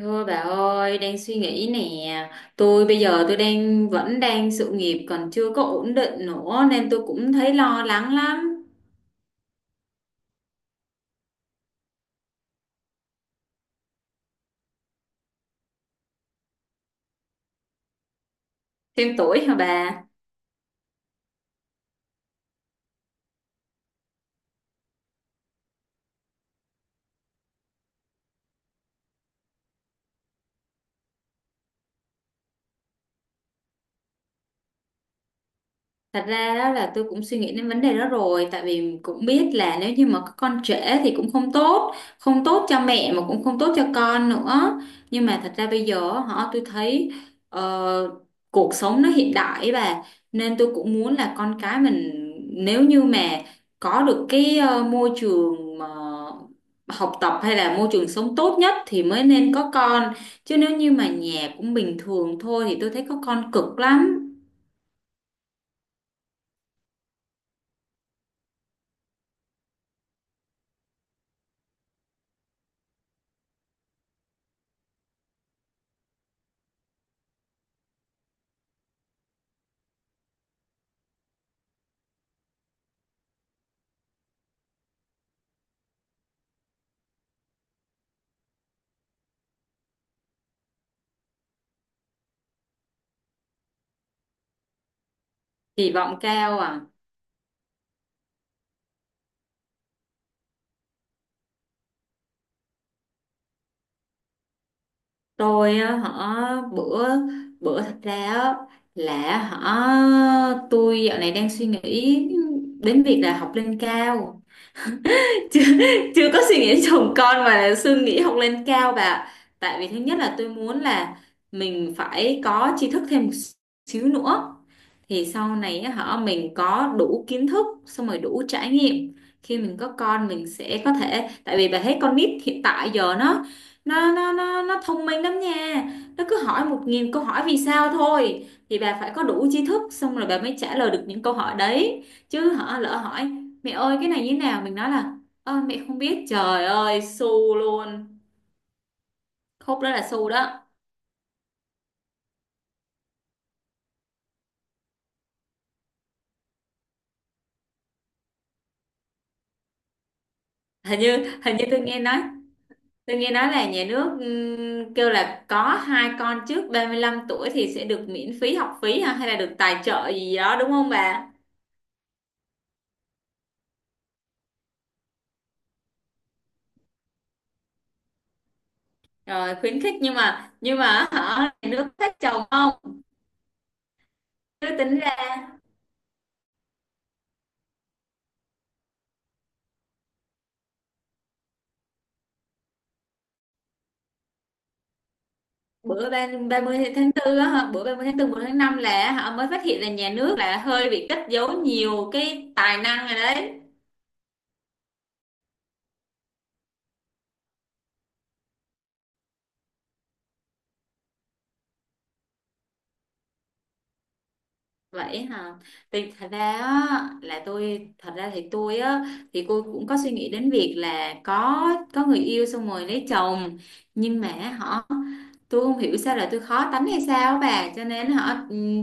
Thôi bà ơi, đang suy nghĩ nè. Bây giờ tôi đang vẫn sự nghiệp còn chưa có ổn định nữa nên tôi cũng thấy lo lắng lắm. Thêm tuổi hả bà? Thật ra đó là tôi cũng suy nghĩ đến vấn đề đó rồi, tại vì cũng biết là nếu như mà có con trễ thì cũng không tốt, cho mẹ mà cũng không tốt cho con nữa, nhưng mà thật ra bây giờ tôi thấy ờ, cuộc sống nó hiện đại ấy bà, nên tôi cũng muốn là con cái mình nếu như mà có được cái môi trường mà học tập hay là môi trường sống tốt nhất thì mới nên có con, chứ nếu như mà nhà cũng bình thường thôi thì tôi thấy có con cực lắm. Kỳ vọng cao à? Tôi á, hả bữa bữa thật ra á, là tôi dạo này đang suy nghĩ đến việc là học lên cao. chưa, Chưa có suy nghĩ đến chồng con mà là suy nghĩ học lên cao bà ạ. Tại vì thứ nhất là tôi muốn là mình phải có tri thức thêm một xíu nữa, thì sau này á, mình có đủ kiến thức xong rồi đủ trải nghiệm, khi mình có con mình sẽ có thể, tại vì bà thấy con nít hiện tại giờ nó thông minh lắm nha. Nó cứ hỏi 1.000 câu hỏi vì sao thôi, thì bà phải có đủ tri thức xong rồi bà mới trả lời được những câu hỏi đấy, chứ lỡ hỏi mẹ ơi cái này như thế nào mình nói là "Ơ mẹ không biết" trời ơi su luôn. Khúc đó là su đó. Hình như hình như tôi nghe nói, tôi nghe nói là nhà nước kêu là có hai con trước 35 tuổi thì sẽ được miễn phí học phí ha, hay là được tài trợ gì đó đúng không bà? Rồi khuyến khích nhưng mà nhưng mà nhà nước thích chồng không? Tôi tính ra bữa ba mươi tháng tư á hả, bữa 30 tháng tư một tháng 5 là mới phát hiện là nhà nước là hơi bị cất giấu nhiều cái tài năng rồi đấy. Vậy hả? Thì thật ra á, là tôi thật ra thì tôi á, thì cô cũng có suy nghĩ đến việc là có người yêu xong rồi lấy chồng, nhưng mà tôi không hiểu sao là tôi khó tánh hay sao á bà, cho nên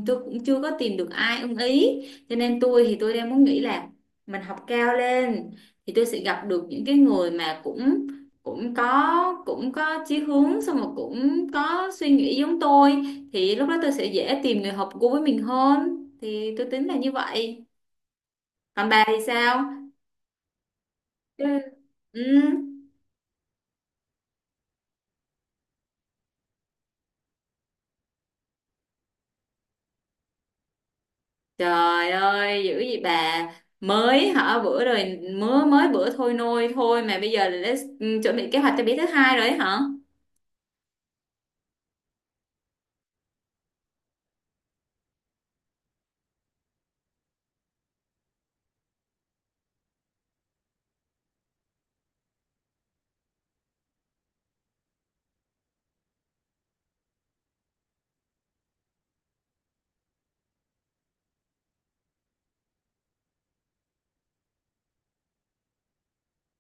tôi cũng chưa có tìm được ai ưng ý, cho nên tôi thì tôi đang muốn nghĩ là mình học cao lên thì tôi sẽ gặp được những cái người mà cũng cũng có, cũng có chí hướng xong rồi cũng có suy nghĩ giống tôi, thì lúc đó tôi sẽ dễ tìm người hợp gu với mình hơn, thì tôi tính là như vậy. Còn bà thì sao? Ừ. Ừ. Trời ơi, dữ gì bà! Mới bữa rồi mới mới bữa thôi nôi thôi mà bây giờ là đã, ừ, chuẩn bị kế hoạch cho bé thứ hai rồi ấy hả?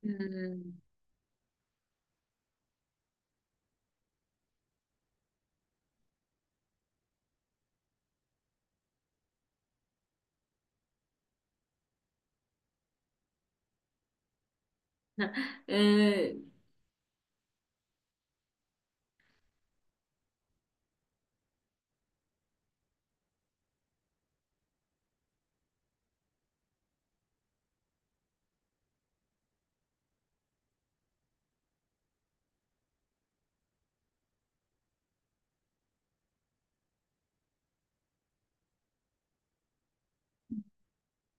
Ừ. Ừ.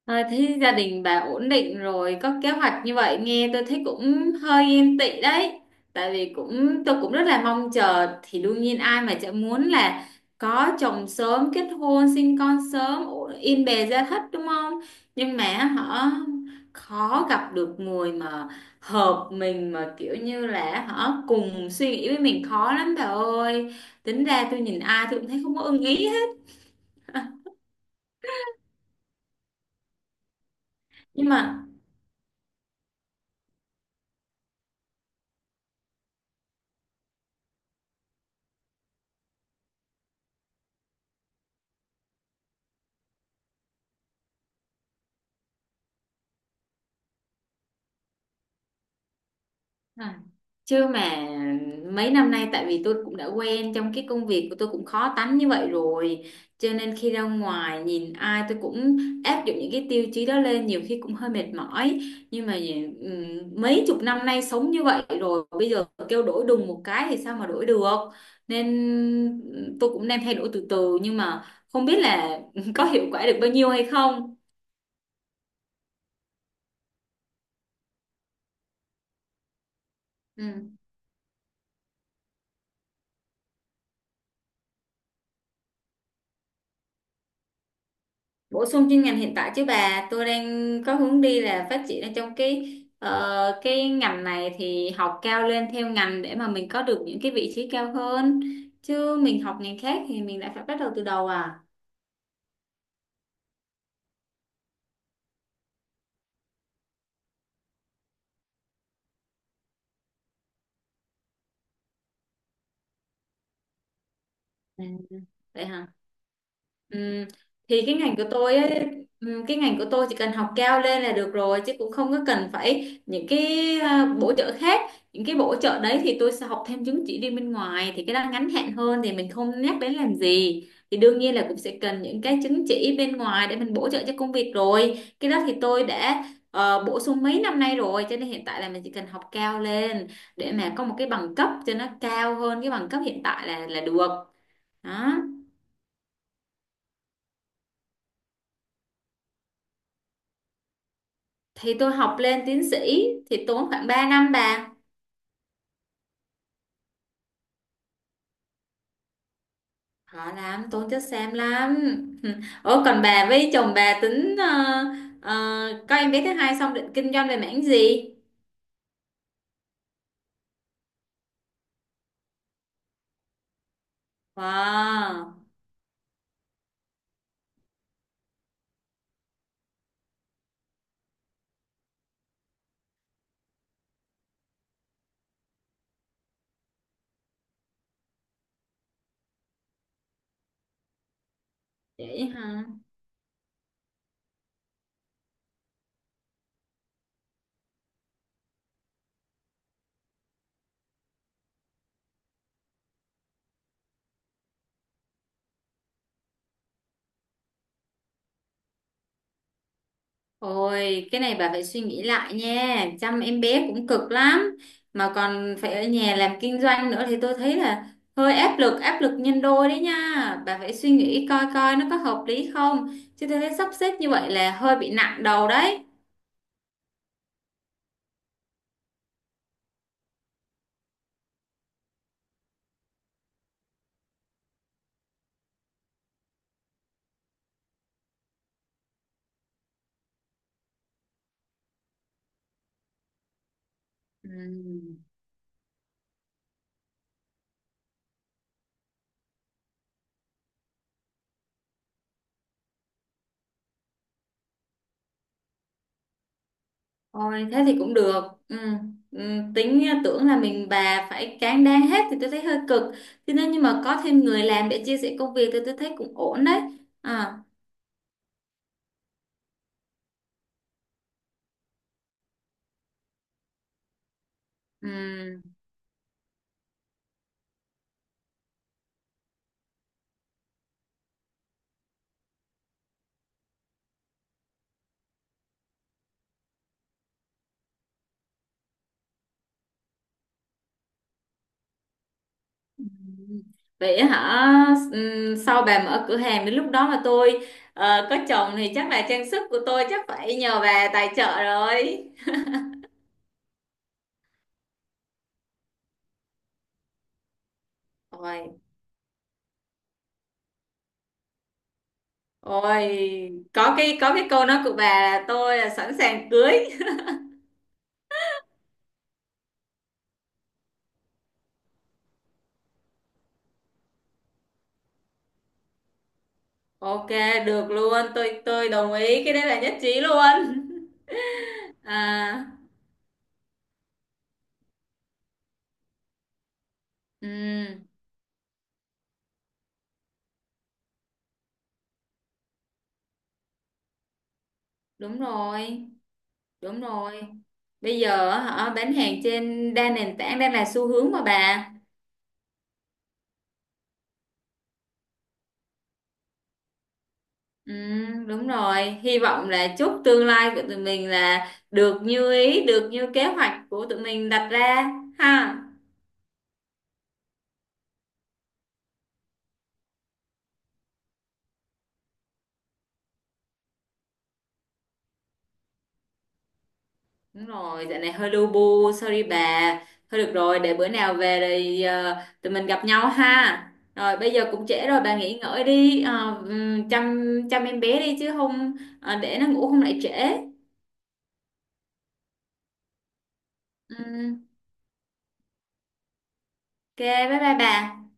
À, thế gia đình bà ổn định rồi có kế hoạch như vậy nghe tôi thấy cũng hơi yên tị đấy, tại vì tôi cũng rất là mong chờ, thì đương nhiên ai mà chả muốn là có chồng sớm, kết hôn sinh con sớm, yên bề gia thất đúng không, nhưng mà họ khó gặp được người mà hợp mình, mà kiểu như là họ cùng suy nghĩ với mình khó lắm bà ơi. Tính ra tôi nhìn ai tôi cũng thấy không có ưng ý hết. Nhưng mà. À. Chứ mà mấy năm nay, tại vì tôi cũng đã quen trong cái công việc của tôi cũng khó tánh như vậy rồi cho nên khi ra ngoài nhìn ai tôi cũng áp dụng những cái tiêu chí đó lên, nhiều khi cũng hơi mệt mỏi, nhưng mà mấy chục năm nay sống như vậy rồi bây giờ kêu đổi đùng một cái thì sao mà đổi được, nên tôi cũng đang thay đổi từ từ nhưng mà không biết là có hiệu quả được bao nhiêu hay không. Ừ. Bổ sung chuyên ngành hiện tại chứ bà, tôi đang có hướng đi là phát triển ở trong cái cái ngành này, thì học cao lên theo ngành để mà mình có được những cái vị trí cao hơn, chứ mình học ngành khác thì mình lại phải bắt đầu từ đầu à. À, vậy hả? Ừm, thì cái ngành của tôi chỉ cần học cao lên là được rồi, chứ cũng không có cần phải những cái bổ trợ khác, những cái bổ trợ đấy thì tôi sẽ học thêm chứng chỉ đi bên ngoài thì cái đó ngắn hạn hơn thì mình không nhắc đến làm gì, thì đương nhiên là cũng sẽ cần những cái chứng chỉ bên ngoài để mình bổ trợ cho công việc rồi, cái đó thì tôi đã bổ sung mấy năm nay rồi, cho nên hiện tại là mình chỉ cần học cao lên để mà có một cái bằng cấp cho nó cao hơn cái bằng cấp hiện tại là được. Đó thì tôi học lên tiến sĩ thì tốn khoảng 3 năm bà. Họ làm tốn chất xám lắm. Ủa còn bà với chồng bà tính có em bé thứ hai xong định kinh doanh về mảng gì? Wow. Vậy hả? Ôi cái này bà phải suy nghĩ lại nha, chăm em bé cũng cực lắm mà còn phải ở nhà làm kinh doanh nữa thì tôi thấy là hơi áp lực, áp lực nhân đôi đấy nha. Bà phải suy nghĩ coi coi nó có hợp lý không, chứ tôi thấy sắp xếp như vậy là hơi bị nặng đầu đấy. Ừ. Ôi thế thì cũng được. Ừ. Ừ. Tính tưởng là mình bà phải cán đáng hết thì tôi thấy hơi cực, thế nên nhưng mà có thêm người làm để chia sẻ công việc thì tôi thấy cũng ổn đấy. À. Ừ. Vậy hả? Ừ. Sau bà mở cửa hàng đến lúc đó mà tôi có chồng thì chắc là trang sức của tôi chắc phải nhờ bà tài trợ rồi. Ôi, ôi có cái câu nói của bà là tôi là sẵn sàng cưới. Ok, được luôn, tôi đồng ý, cái đấy là nhất trí luôn. À, ừ, đúng rồi, đúng rồi. Bây giờ hả, bán hàng trên đa nền tảng đang là xu hướng mà bà. Ừ, đúng rồi, hy vọng là chúc tương lai của tụi mình là được như ý, được như kế hoạch của tụi mình đặt ra ha. Đúng rồi, dạo này hơi lu bu, sorry bà. Thôi được rồi, để bữa nào về thì tụi mình gặp nhau ha. Rồi bây giờ cũng trễ rồi, bà nghỉ ngơi đi, chăm chăm em bé đi, chứ không để nó ngủ không lại trễ. Ừ, ok, bye bye bà.